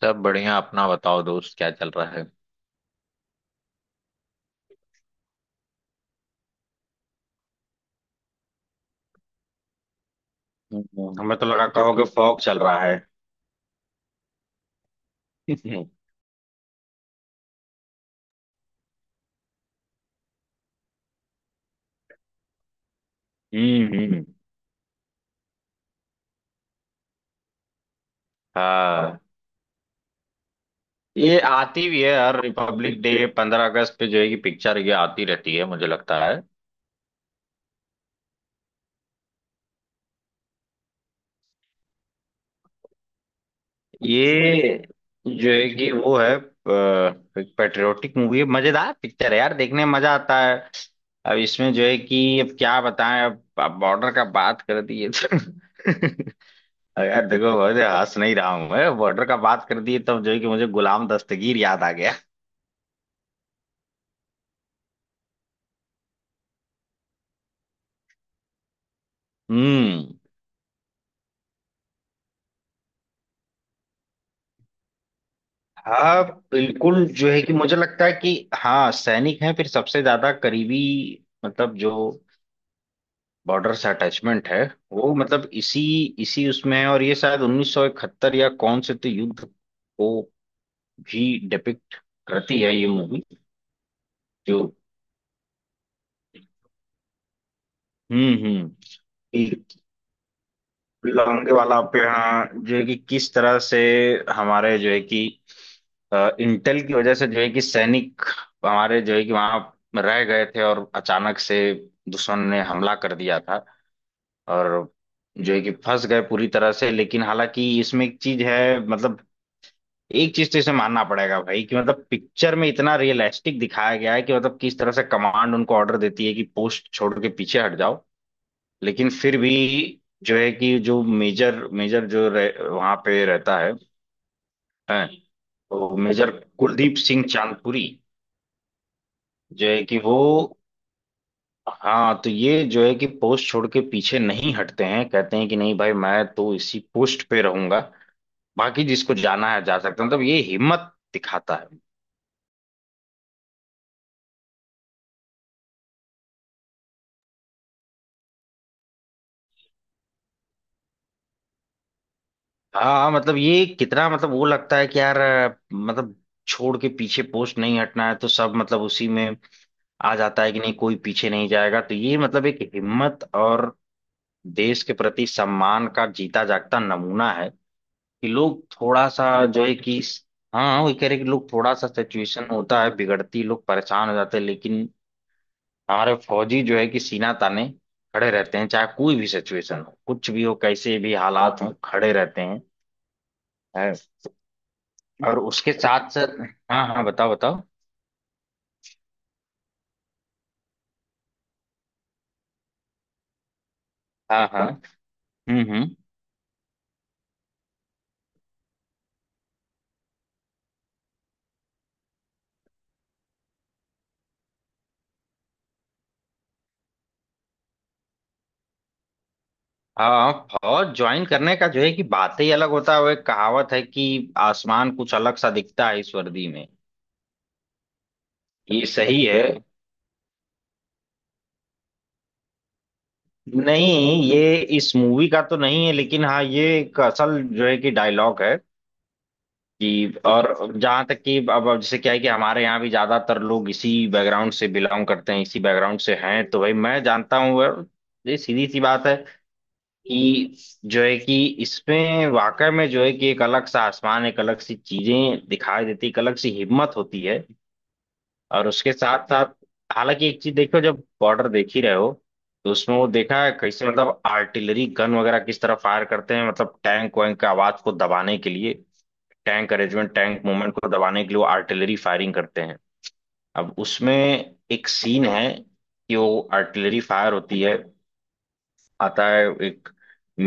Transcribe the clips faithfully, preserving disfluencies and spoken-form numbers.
सब बढ़िया। अपना बताओ दोस्त, क्या चल रहा है? हम्म, हमें तो लगा कहोगे फॉग चल रहा है। हम्म। हम्म। हाँ, ये आती भी है हर रिपब्लिक डे पंद्रह अगस्त पे। जो है कि पिक्चर ये आती रहती है मुझे लगता है। ये जो है कि वो है पेट्रियोटिक मूवी है, मजेदार पिक्चर है यार, देखने में मजा आता है। अब इसमें जो है कि अब क्या बताएं, अब अब बॉर्डर का बात कर दिए तो यार देखो, मुझे हंस नहीं रहा हूं, मैं बॉर्डर का बात कर दिए तब जो है कि मुझे गुलाम दस्तगीर याद आ। हम्म। हाँ बिल्कुल, जो है कि मुझे लगता है कि हाँ सैनिक हैं, फिर सबसे ज्यादा करीबी मतलब जो बॉर्डर से अटैचमेंट है। वो मतलब इसी इसी उसमें है। और ये शायद उन्नीस सौ इकहत्तर या कौन से तो युद्ध को भी डिपिक्ट करती है ये मूवी। जो हम्म। हम्म। लौंग वाला, आप यहाँ जो है कि किस तरह से हमारे जो है कि अ, इंटेल की वजह से जो है कि सैनिक हमारे जो है कि वहां रह गए थे और अचानक से दुश्मन ने हमला कर दिया था। और जो है कि फंस गए पूरी तरह से। लेकिन हालांकि इसमें एक चीज है, मतलब एक चीज तो इसे मानना पड़ेगा भाई कि मतलब पिक्चर में इतना रियलिस्टिक दिखाया गया है कि मतलब किस तरह से कमांड उनको ऑर्डर देती है कि पोस्ट छोड़ के पीछे हट जाओ। लेकिन फिर भी जो है कि जो मेजर मेजर जो रह, वहां पे रहता है, है। तो मेजर कुलदीप सिंह चांदपुरी जो है कि वो हाँ, तो ये जो है कि पोस्ट छोड़ के पीछे नहीं हटते हैं, कहते हैं कि नहीं भाई, मैं तो इसी पोस्ट पे रहूंगा। बाकी जिसको जाना है जा सकता है, मतलब ये हिम्मत दिखाता है। हाँ मतलब ये कितना, मतलब वो लगता है कि यार, अ, मतलब छोड़ के पीछे पोस्ट नहीं हटना है तो सब मतलब उसी में आ जाता है कि नहीं कोई पीछे नहीं जाएगा। तो ये मतलब एक हिम्मत और देश के प्रति सम्मान का जीता जागता नमूना है कि लोग थोड़ा सा जो है कि हाँ वही कह रहे कि लोग थोड़ा सा सिचुएशन होता है बिगड़ती लोग परेशान हो जाते हैं। लेकिन हमारे फौजी जो है कि सीना ताने खड़े रहते हैं, चाहे कोई भी सिचुएशन हो, कुछ भी हो, कैसे भी हालात हो, खड़े रहते हैं है। और उसके साथ साथ हाँ हाँ, बताओ बताओ। हाँ हाँ। हम्म हम्म। हाँ, और ज्वाइन करने का जो है कि बात ही अलग होता है। वो एक कहावत है कि आसमान कुछ अलग सा दिखता है इस वर्दी में। ये सही है। नहीं, ये इस मूवी का तो नहीं है, लेकिन हाँ ये एक असल जो है कि डायलॉग है कि। और जहाँ तक कि अब अब जैसे क्या है कि हमारे यहाँ भी ज्यादातर लोग इसी बैकग्राउंड से बिलोंग करते हैं, इसी बैकग्राउंड से हैं। तो भाई मैं जानता हूँ। और ये सीधी सी बात है कि जो है कि इसमें वाकई में जो है कि एक अलग सा आसमान, एक अलग सी चीजें दिखाई देती, एक अलग सी हिम्मत होती है। और उसके साथ साथ हालांकि एक चीज देखो, जब बॉर्डर देख ही रहे हो तो उसमें वो देखा है कैसे मतलब आर्टिलरी गन वगैरह किस तरह फायर करते हैं, मतलब टैंक वैंक का आवाज को दबाने के लिए, टैंक अरेंजमेंट टैंक मूवमेंट को दबाने के लिए वो आर्टिलरी फायरिंग करते हैं। अब उसमें एक सीन है कि वो आर्टिलरी फायर होती है, आता है एक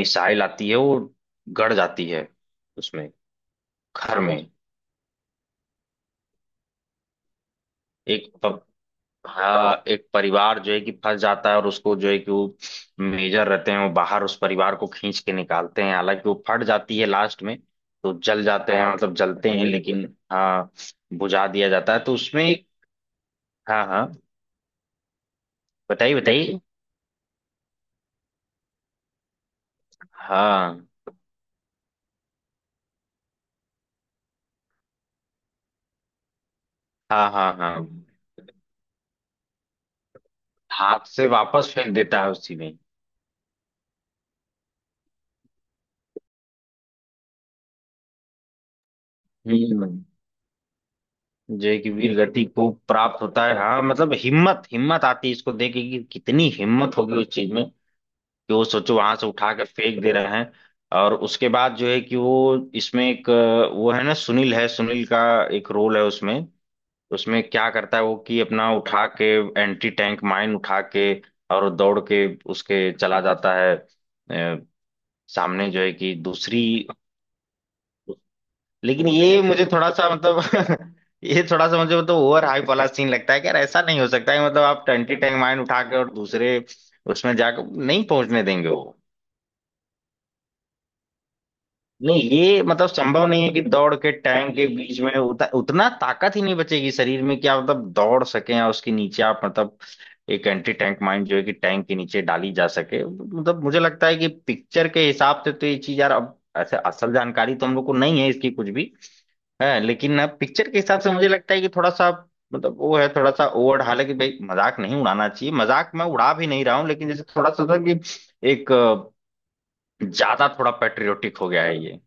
मिसाइल आती है, वो गड़ जाती है उसमें, घर में। एक प, हाँ एक परिवार जो है कि फंस जाता है, और उसको जो है कि वो मेजर रहते हैं वो बाहर उस परिवार को खींच के निकालते हैं। हालांकि वो फट जाती है लास्ट में, तो जल जाते हैं, मतलब जलते हैं, लेकिन हाँ बुझा दिया जाता है। तो उसमें हाँ हाँ, बताइए बताइए। हाँ हाँ हाँ, हाँ हाथ से वापस फेंक देता है उसी में। हम्म। जय की वीर गति को प्राप्त होता है। हाँ मतलब हिम्मत, हिम्मत आती है इसको देख के कि कितनी हिम्मत होगी उस चीज में कि वो, सोचो वहां से उठा कर फेंक दे रहे हैं। और उसके बाद जो है कि वो इसमें एक अ, वो है ना सुनील है, सुनील का एक रोल है उसमें। उसमें क्या करता है वो कि अपना उठा के एंटी टैंक माइन उठा के और दौड़ के उसके चला जाता है, अ, सामने जो है कि दूसरी। लेकिन ये मुझे थोड़ा सा मतलब ये थोड़ा सा मुझे मतलब ओवर हाइप वाला सीन लगता है कि यार ऐसा नहीं हो सकता है, मतलब आप टंटी टैंक माइन उठा के और दूसरे उसमें जाकर नहीं पहुंचने देंगे वो। नहीं, ये मतलब संभव नहीं है कि दौड़ के टैंक के बीच में उत, उतना ताकत ही नहीं बचेगी शरीर में कि आप मतलब दौड़ सके या उसके नीचे आप मतलब एक एंटी टैंक माइन जो है कि टैंक के नीचे डाली जा सके। मतलब मुझे लगता है कि पिक्चर के हिसाब से तो ये चीज यार, अब ऐसे असल जानकारी तो हम लोग को नहीं है इसकी कुछ भी है, लेकिन अब पिक्चर के हिसाब से मुझे लगता है कि थोड़ा सा मतलब वो है थोड़ा सा ओवर। हालांकि भाई मजाक नहीं उड़ाना चाहिए, मजाक मैं उड़ा भी नहीं रहा हूँ, लेकिन जैसे थोड़ा सा था कि एक अ, ज्यादा थोड़ा पेट्रियोटिक हो गया है ये।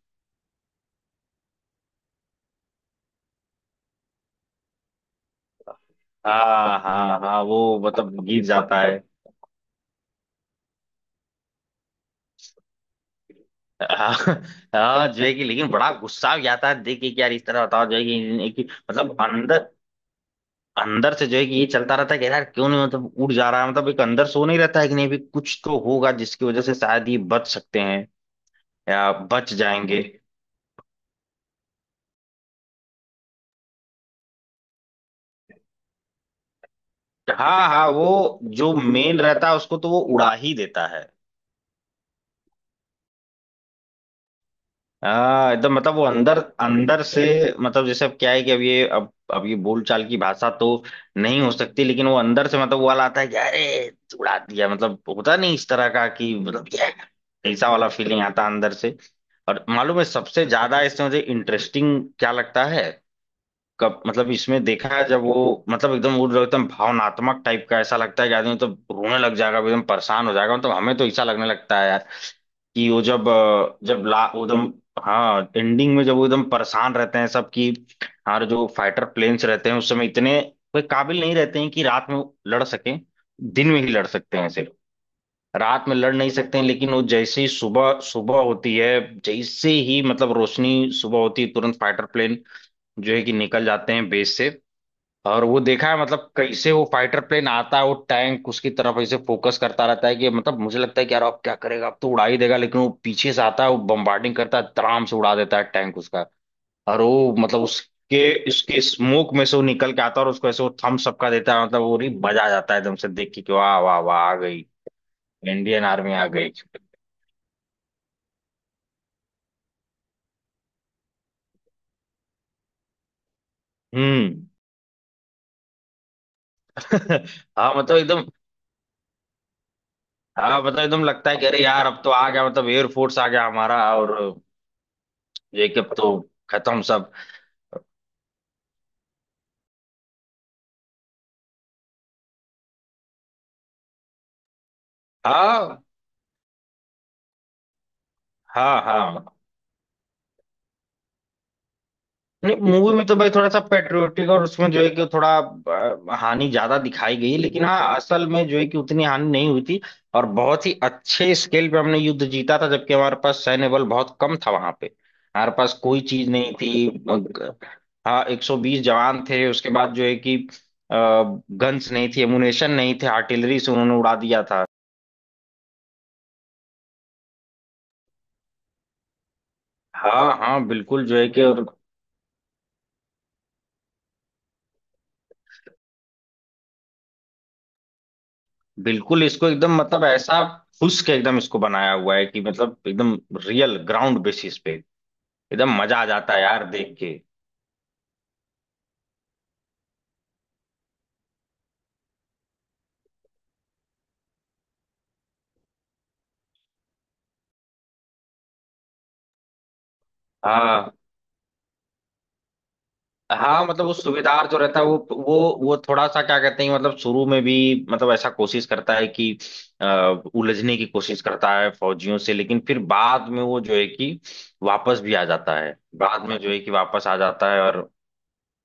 हाँ हाँ हाँ, वो मतलब गिर जाता है। हाँ। हाँ, जो है कि लेकिन बड़ा गुस्सा भी आता है देख के कि यार इस तरह बताओ जो है कि कि मतलब अंदर अंदर से जो है कि ये चलता रहता है कि यार क्यों नहीं मतलब उड़ जा रहा है। मतलब एक अंदर सो नहीं रहता है कि नहीं भी कुछ तो होगा जिसकी वजह से शायद ये बच सकते हैं या बच जाएंगे। हाँ हाँ, वो जो मेल रहता है उसको तो वो उड़ा ही देता है। हाँ एकदम, मतलब वो अंदर अंदर से मतलब जैसे अब क्या है कि अब ये अब अब ये बोलचाल की भाषा तो नहीं हो सकती, लेकिन वो अंदर से मतलब वो वाला आता है कि अरे उड़ा दिया, मतलब होता नहीं इस तरह का कि मतलब ये ऐसा वाला फीलिंग आता है अंदर से। और मालूम है सबसे ज्यादा इसमें मुझे इंटरेस्टिंग क्या लगता है, कब मतलब इसमें देखा है जब वो मतलब एकदम वो जो एकदम भावनात्मक टाइप का, ऐसा लगता है कि आदमी तो रोने लग जाएगा, एकदम परेशान हो जाएगा, मतलब हमें तो ऐसा लगने लगता है यार कि वो जब अ, जब ला वो एकदम। हाँ एंडिंग में जब वो एकदम परेशान रहते हैं सब कि हमारे जो फाइटर प्लेन्स रहते हैं उस समय इतने कोई काबिल नहीं रहते हैं कि रात में लड़ सकें, दिन में ही लड़ सकते हैं सिर्फ, रात में लड़ नहीं सकते हैं। लेकिन वो जैसे ही सुबह सुबह होती है, जैसे ही मतलब रोशनी सुबह होती है, तुरंत फाइटर प्लेन जो है कि निकल जाते हैं बेस से। और वो देखा है मतलब कैसे वो फाइटर प्लेन आता है, वो टैंक उसकी तरफ ऐसे फोकस करता रहता है कि मतलब मुझे लगता है कि यार अब क्या करेगा, अब तो उड़ा ही देगा, लेकिन वो पीछे से आता है, वो बम्बार्डिंग करता है, तराम से उड़ा देता है टैंक उसका। और वो मतलब उसके उसके स्मोक में से वो निकल के आता है, और उसको ऐसे वो थम्स अप का देता है, मतलब वो नहीं बजा जाता है एकदम से देख के कि वाह वाह वाह आ गई इंडियन आर्मी आ गई। हम्म। हाँ मतलब एकदम। हाँ मतलब एकदम लगता है कि अरे यार अब तो आ गया, मतलब एयरफोर्स आ गया हमारा, और ये कि अब तो खत्म सब। हाँ हाँ हाँ, नहीं मूवी में तो भाई थोड़ा सा पेट्रियोटिक और उसमें जो है कि थोड़ा अ, हानि ज्यादा दिखाई गई, लेकिन हाँ असल में जो है कि उतनी हानि नहीं हुई थी। और बहुत ही अच्छे स्केल पे हमने युद्ध जीता था, जबकि हमारे पास सैन्य बल बहुत कम था वहां पे। हमारे पास कोई चीज नहीं थी अ, हाँ एक सौ बीस जवान थे। उसके बाद जो है कि गन्स नहीं थी, एमुनेशन नहीं थे, आर्टिलरी से उन्होंने उड़ा दिया था। हाँ हाँ बिल्कुल, जो है कि और बिल्कुल इसको एकदम मतलब ऐसा फुस के एकदम इसको बनाया हुआ है कि मतलब एकदम रियल ग्राउंड बेसिस पे एकदम मजा आ जाता है यार देख के। हाँ हाँ, मतलब वो सूबेदार जो रहता है, वो वो वो थोड़ा सा क्या कहते हैं, मतलब शुरू में भी मतलब ऐसा कोशिश करता है कि अ, उलझने की कोशिश करता है फौजियों से, लेकिन फिर बाद में वो जो है कि वापस भी आ जाता है, बाद में जो है कि वापस आ जाता है। और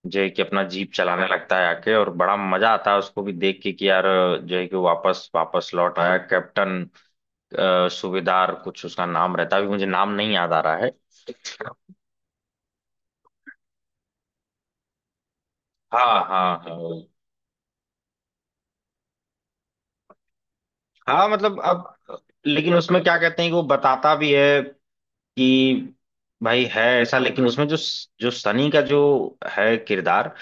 जो है कि अपना जीप चलाने लगता है आके, और बड़ा मजा आता है उसको भी देख के कि यार जो है कि वो वापस वापस लौट आया कैप्टन अ, सूबेदार कुछ उसका नाम रहता है, अभी मुझे नाम नहीं याद आ रहा है। हाँ हाँ हाँ, हाँ मतलब अब लेकिन उसमें क्या कहते हैं कि वो बताता भी है कि भाई है ऐसा, लेकिन उसमें जो, जो सनी का जो है किरदार,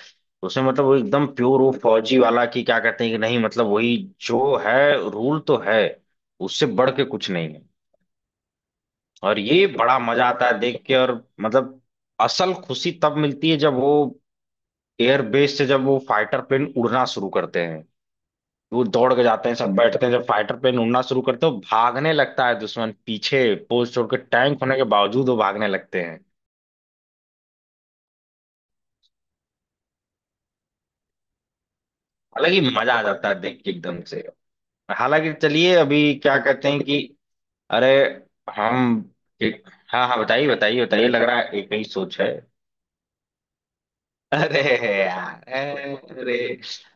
उसमें मतलब वो एकदम प्योर वो फौजी वाला कि क्या कहते हैं कि नहीं, मतलब वही जो है रूल तो है, उससे बढ़ के कुछ नहीं है। और ये बड़ा मजा आता है देख के। और मतलब असल खुशी तब मिलती है जब वो एयरबेस से जब वो फाइटर प्लेन उड़ना शुरू करते हैं, वो दौड़ के जाते हैं सब बैठते हैं, जब फाइटर प्लेन उड़ना शुरू करते हो भागने लगता है दुश्मन पीछे, पोस्ट छोड़ के टैंक होने के बावजूद वो भागने लगते हैं। हालांकि मजा आ जाता है देख के एकदम से। हालांकि चलिए, अभी क्या कहते हैं कि अरे हम एक, हाँ हाँ बताइए बताइए बताइए, लग रहा है एक ही सोच है। अरे यार, अरे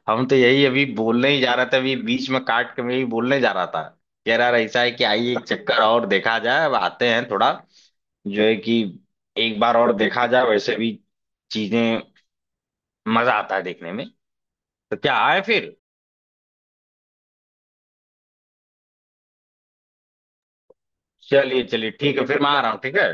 हम तो यही अभी बोलने ही जा रहा था, अभी बीच में काट के मैं यही बोलने जा रहा था। कह रहा ऐसा है कि आइए एक चक्कर और देखा जाए, अब आते हैं थोड़ा जो है कि एक बार और देखा जाए, वैसे भी चीजें मजा आता है देखने में। तो क्या आए फिर। चलिए चलिए ठीक है, फिर मैं आ रहा हूँ, ठीक है।